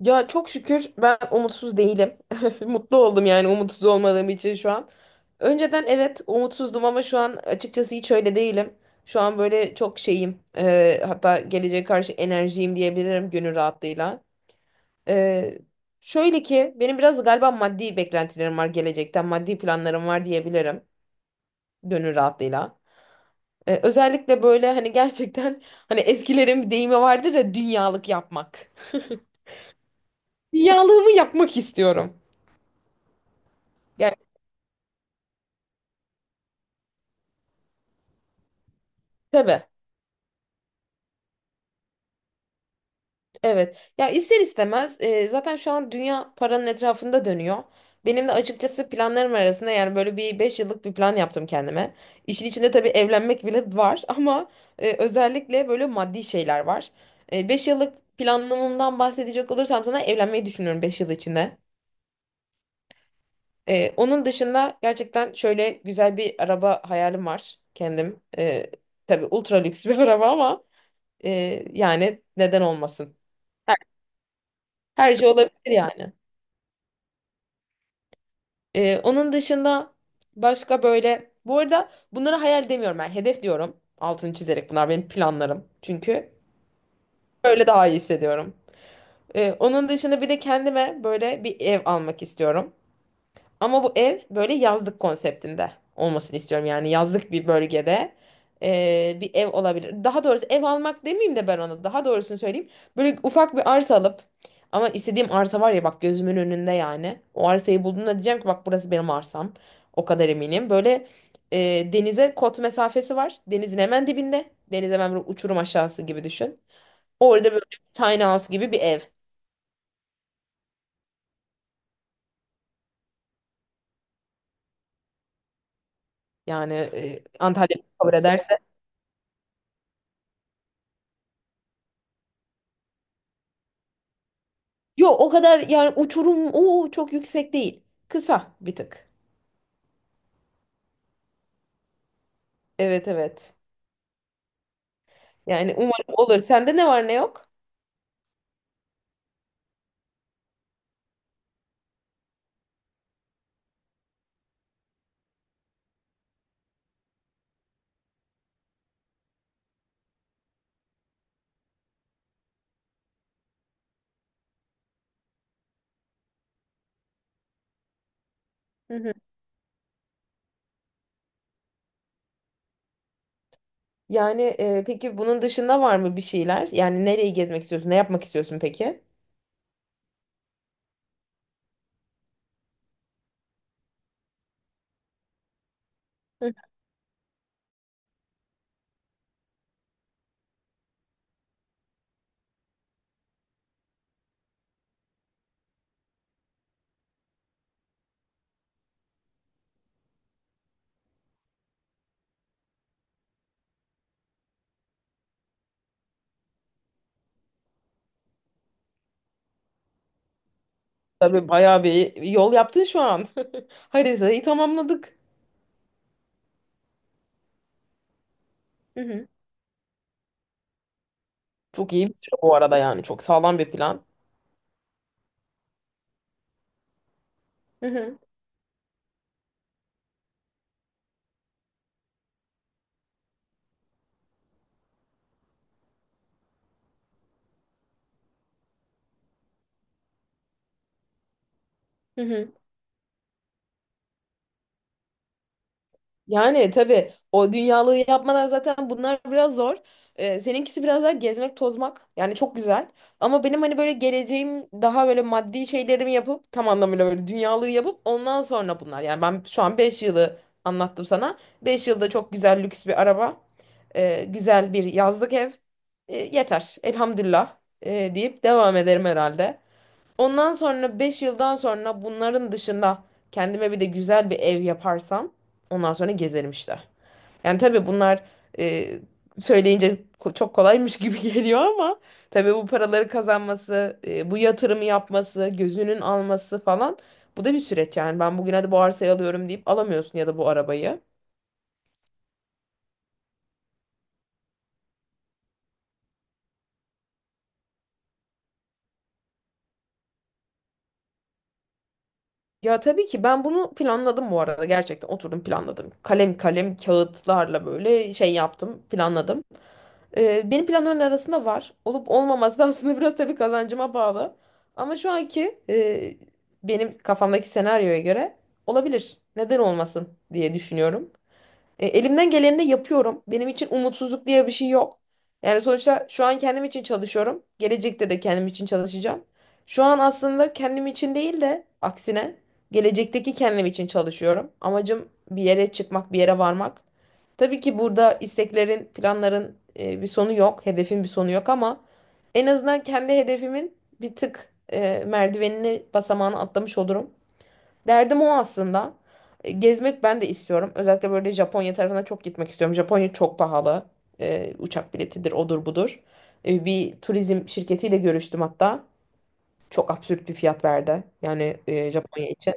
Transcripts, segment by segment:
Ya çok şükür ben umutsuz değilim. Mutlu oldum yani umutsuz olmadığım için şu an. Önceden evet umutsuzdum ama şu an açıkçası hiç öyle değilim. Şu an böyle çok şeyim. Hatta geleceğe karşı enerjiyim diyebilirim gönül rahatlığıyla. E, şöyle ki benim biraz galiba maddi beklentilerim var gelecekten. Maddi planlarım var diyebilirim gönül rahatlığıyla. Özellikle böyle hani gerçekten hani eskilerin bir deyimi vardır ya dünyalık yapmak. Dünyalığımı yapmak istiyorum. Tabii, evet. Ya ister istemez zaten şu an dünya paranın etrafında dönüyor. Benim de açıkçası planlarım arasında yani böyle bir 5 yıllık bir plan yaptım kendime. İşin içinde tabii evlenmek bile var ama özellikle böyle maddi şeyler var. 5 yıllık planlamamdan bahsedecek olursam sana evlenmeyi düşünüyorum 5 yıl içinde. Onun dışında gerçekten şöyle güzel bir araba hayalim var kendim. Tabii ultra lüks bir araba ama yani neden olmasın? Her, her şey olabilir yani. Onun dışında başka böyle bu arada bunları hayal demiyorum ben hedef diyorum. Altını çizerek bunlar benim planlarım. Çünkü böyle daha iyi hissediyorum. Onun dışında bir de kendime böyle bir ev almak istiyorum. Ama bu ev böyle yazlık konseptinde olmasını istiyorum. Yani yazlık bir bölgede bir ev olabilir. Daha doğrusu ev almak demeyeyim de ben ona. Daha doğrusunu söyleyeyim. Böyle ufak bir arsa alıp ama istediğim arsa var ya bak gözümün önünde yani. O arsayı bulduğumda diyeceğim ki bak burası benim arsam. O kadar eminim. Böyle denize kot mesafesi var. Denizin hemen dibinde. Deniz hemen böyle uçurum aşağısı gibi düşün. Orada böyle tiny house gibi bir ev. Yani Antalya kabul eder. Yok o kadar yani uçurum o çok yüksek değil. Kısa bir tık. Evet, evet. Yani umarım olur. Sende ne var ne yok? Hı hı. Yani peki bunun dışında var mı bir şeyler? Yani nereyi gezmek istiyorsun? Ne yapmak istiyorsun peki? Hı. Tabii bayağı bir yol yaptın şu an. Haritayı tamamladık. Hı hı. Çok iyi bir şey bu arada yani. Çok sağlam bir plan. Hı hı. Hı hı. Yani tabii o dünyalığı yapmadan zaten bunlar biraz zor. Seninkisi biraz daha gezmek, tozmak. Yani çok güzel. Ama benim hani böyle geleceğim daha böyle maddi şeylerimi yapıp tam anlamıyla böyle dünyalığı yapıp ondan sonra bunlar. Yani ben şu an 5 yılı anlattım sana. 5 yılda çok güzel lüks bir araba, güzel bir yazlık ev. Yeter. Elhamdülillah deyip devam ederim herhalde. Ondan sonra 5 yıldan sonra bunların dışında kendime bir de güzel bir ev yaparsam ondan sonra gezerim işte. Yani tabii bunlar e, söyleyince çok kolaymış gibi geliyor ama tabii bu paraları kazanması, bu yatırımı yapması, gözünün alması falan bu da bir süreç yani. Ben bugün hadi bu arsayı alıyorum deyip alamıyorsun ya da bu arabayı. Ya tabii ki ben bunu planladım bu arada gerçekten oturdum planladım. Kalem kalem kağıtlarla böyle şey yaptım planladım. Benim planların arasında var. Olup olmaması da aslında biraz tabii kazancıma bağlı. Ama şu anki benim kafamdaki senaryoya göre olabilir. Neden olmasın diye düşünüyorum. Elimden geleni de yapıyorum. Benim için umutsuzluk diye bir şey yok. Yani sonuçta şu an kendim için çalışıyorum. Gelecekte de kendim için çalışacağım. Şu an aslında kendim için değil de aksine gelecekteki kendim için çalışıyorum. Amacım bir yere çıkmak, bir yere varmak. Tabii ki burada isteklerin, planların bir sonu yok, hedefin bir sonu yok ama en azından kendi hedefimin bir tık merdivenini, basamağını atlamış olurum. Derdim o aslında. Gezmek ben de istiyorum. Özellikle böyle Japonya tarafına çok gitmek istiyorum. Japonya çok pahalı. Uçak biletidir, odur budur. Bir turizm şirketiyle görüştüm hatta. Çok absürt bir fiyat verdi. Yani Japonya için.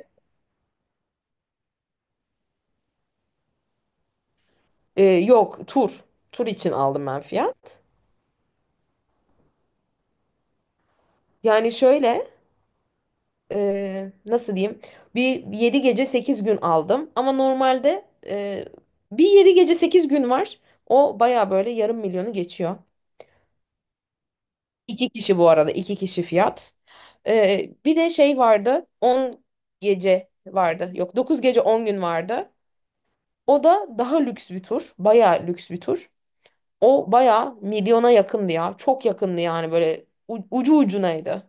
Yok, tur. Tur için aldım ben fiyat. Yani şöyle, nasıl diyeyim? Bir 7 gece 8 gün aldım. Ama normalde bir 7 gece 8 gün var. O baya böyle yarım milyonu geçiyor. 2 kişi bu arada. 2 kişi fiyat. Bir de şey vardı. 10 gece vardı. Yok, 9 gece 10 gün vardı. O da daha lüks bir tur. Bayağı lüks bir tur. O bayağı milyona yakındı ya. Çok yakındı yani böyle ucu ucunaydı.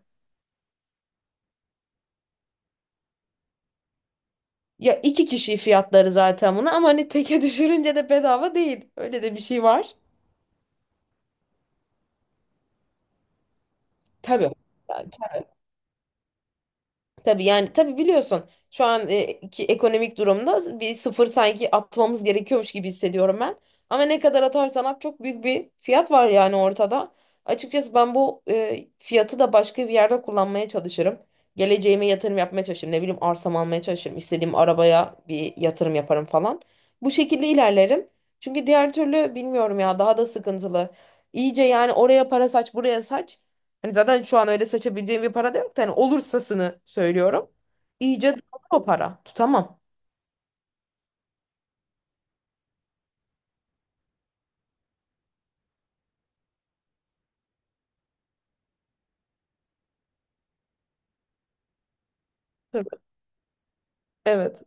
Ya 2 kişi fiyatları zaten bunu ama hani teke düşürünce de bedava değil. Öyle de bir şey var. Tabii. Tabii yani tabii biliyorsun şu an ki ekonomik durumda bir sıfır sanki atmamız gerekiyormuş gibi hissediyorum ben. Ama ne kadar atarsan at çok büyük bir fiyat var yani ortada. Açıkçası ben bu fiyatı da başka bir yerde kullanmaya çalışırım. Geleceğime yatırım yapmaya çalışırım. Ne bileyim arsam almaya çalışırım. İstediğim arabaya bir yatırım yaparım falan. Bu şekilde ilerlerim. Çünkü diğer türlü bilmiyorum ya daha da sıkıntılı. İyice yani oraya para saç buraya saç. Hani zaten şu an öyle saçabileceğim bir para da yok da hani olursasını söylüyorum. İyice dağılır o para. Tutamam. Tabii. Evet.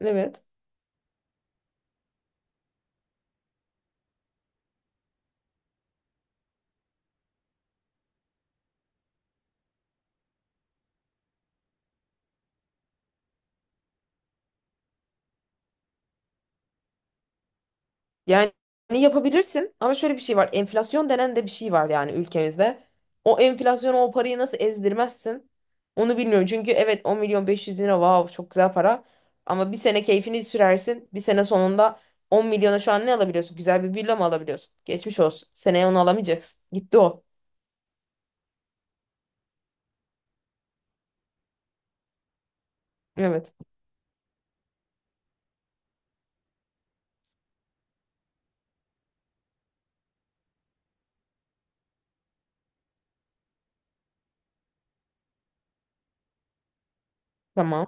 Evet. Yani yapabilirsin ama şöyle bir şey var. Enflasyon denen de bir şey var yani ülkemizde. O enflasyonu o parayı nasıl ezdirmezsin? Onu bilmiyorum. Çünkü evet 10 milyon 500 bin lira wow çok güzel para. Ama bir sene keyfini sürersin. Bir sene sonunda 10 milyona şu an ne alabiliyorsun? Güzel bir villa mı alabiliyorsun? Geçmiş olsun. Seneye onu alamayacaksın. Gitti o. Evet. Tamam.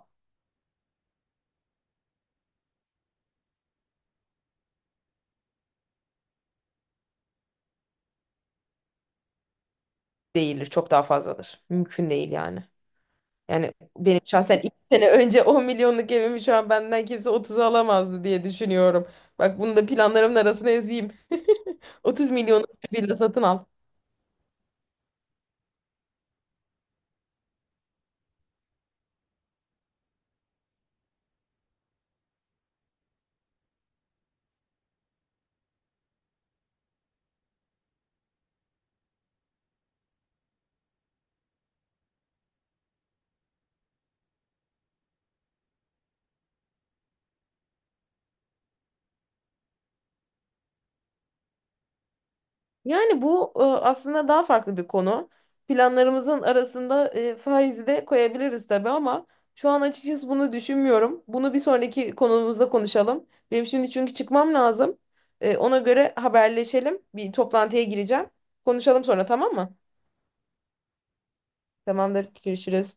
Değildir. Çok daha fazladır. Mümkün değil yani. Yani benim şahsen 2 sene önce 10 milyonluk evimi şu an benden kimse 30'a alamazdı diye düşünüyorum. Bak bunu da planlarımın arasına ezeyim. 30 milyonluk bir villa satın al. Yani bu aslında daha farklı bir konu. Planlarımızın arasında faizi de koyabiliriz tabii ama şu an açıkçası bunu düşünmüyorum. Bunu bir sonraki konumuzda konuşalım. Benim şimdi çünkü çıkmam lazım. Ona göre haberleşelim. Bir toplantıya gireceğim. Konuşalım sonra tamam mı? Tamamdır. Görüşürüz.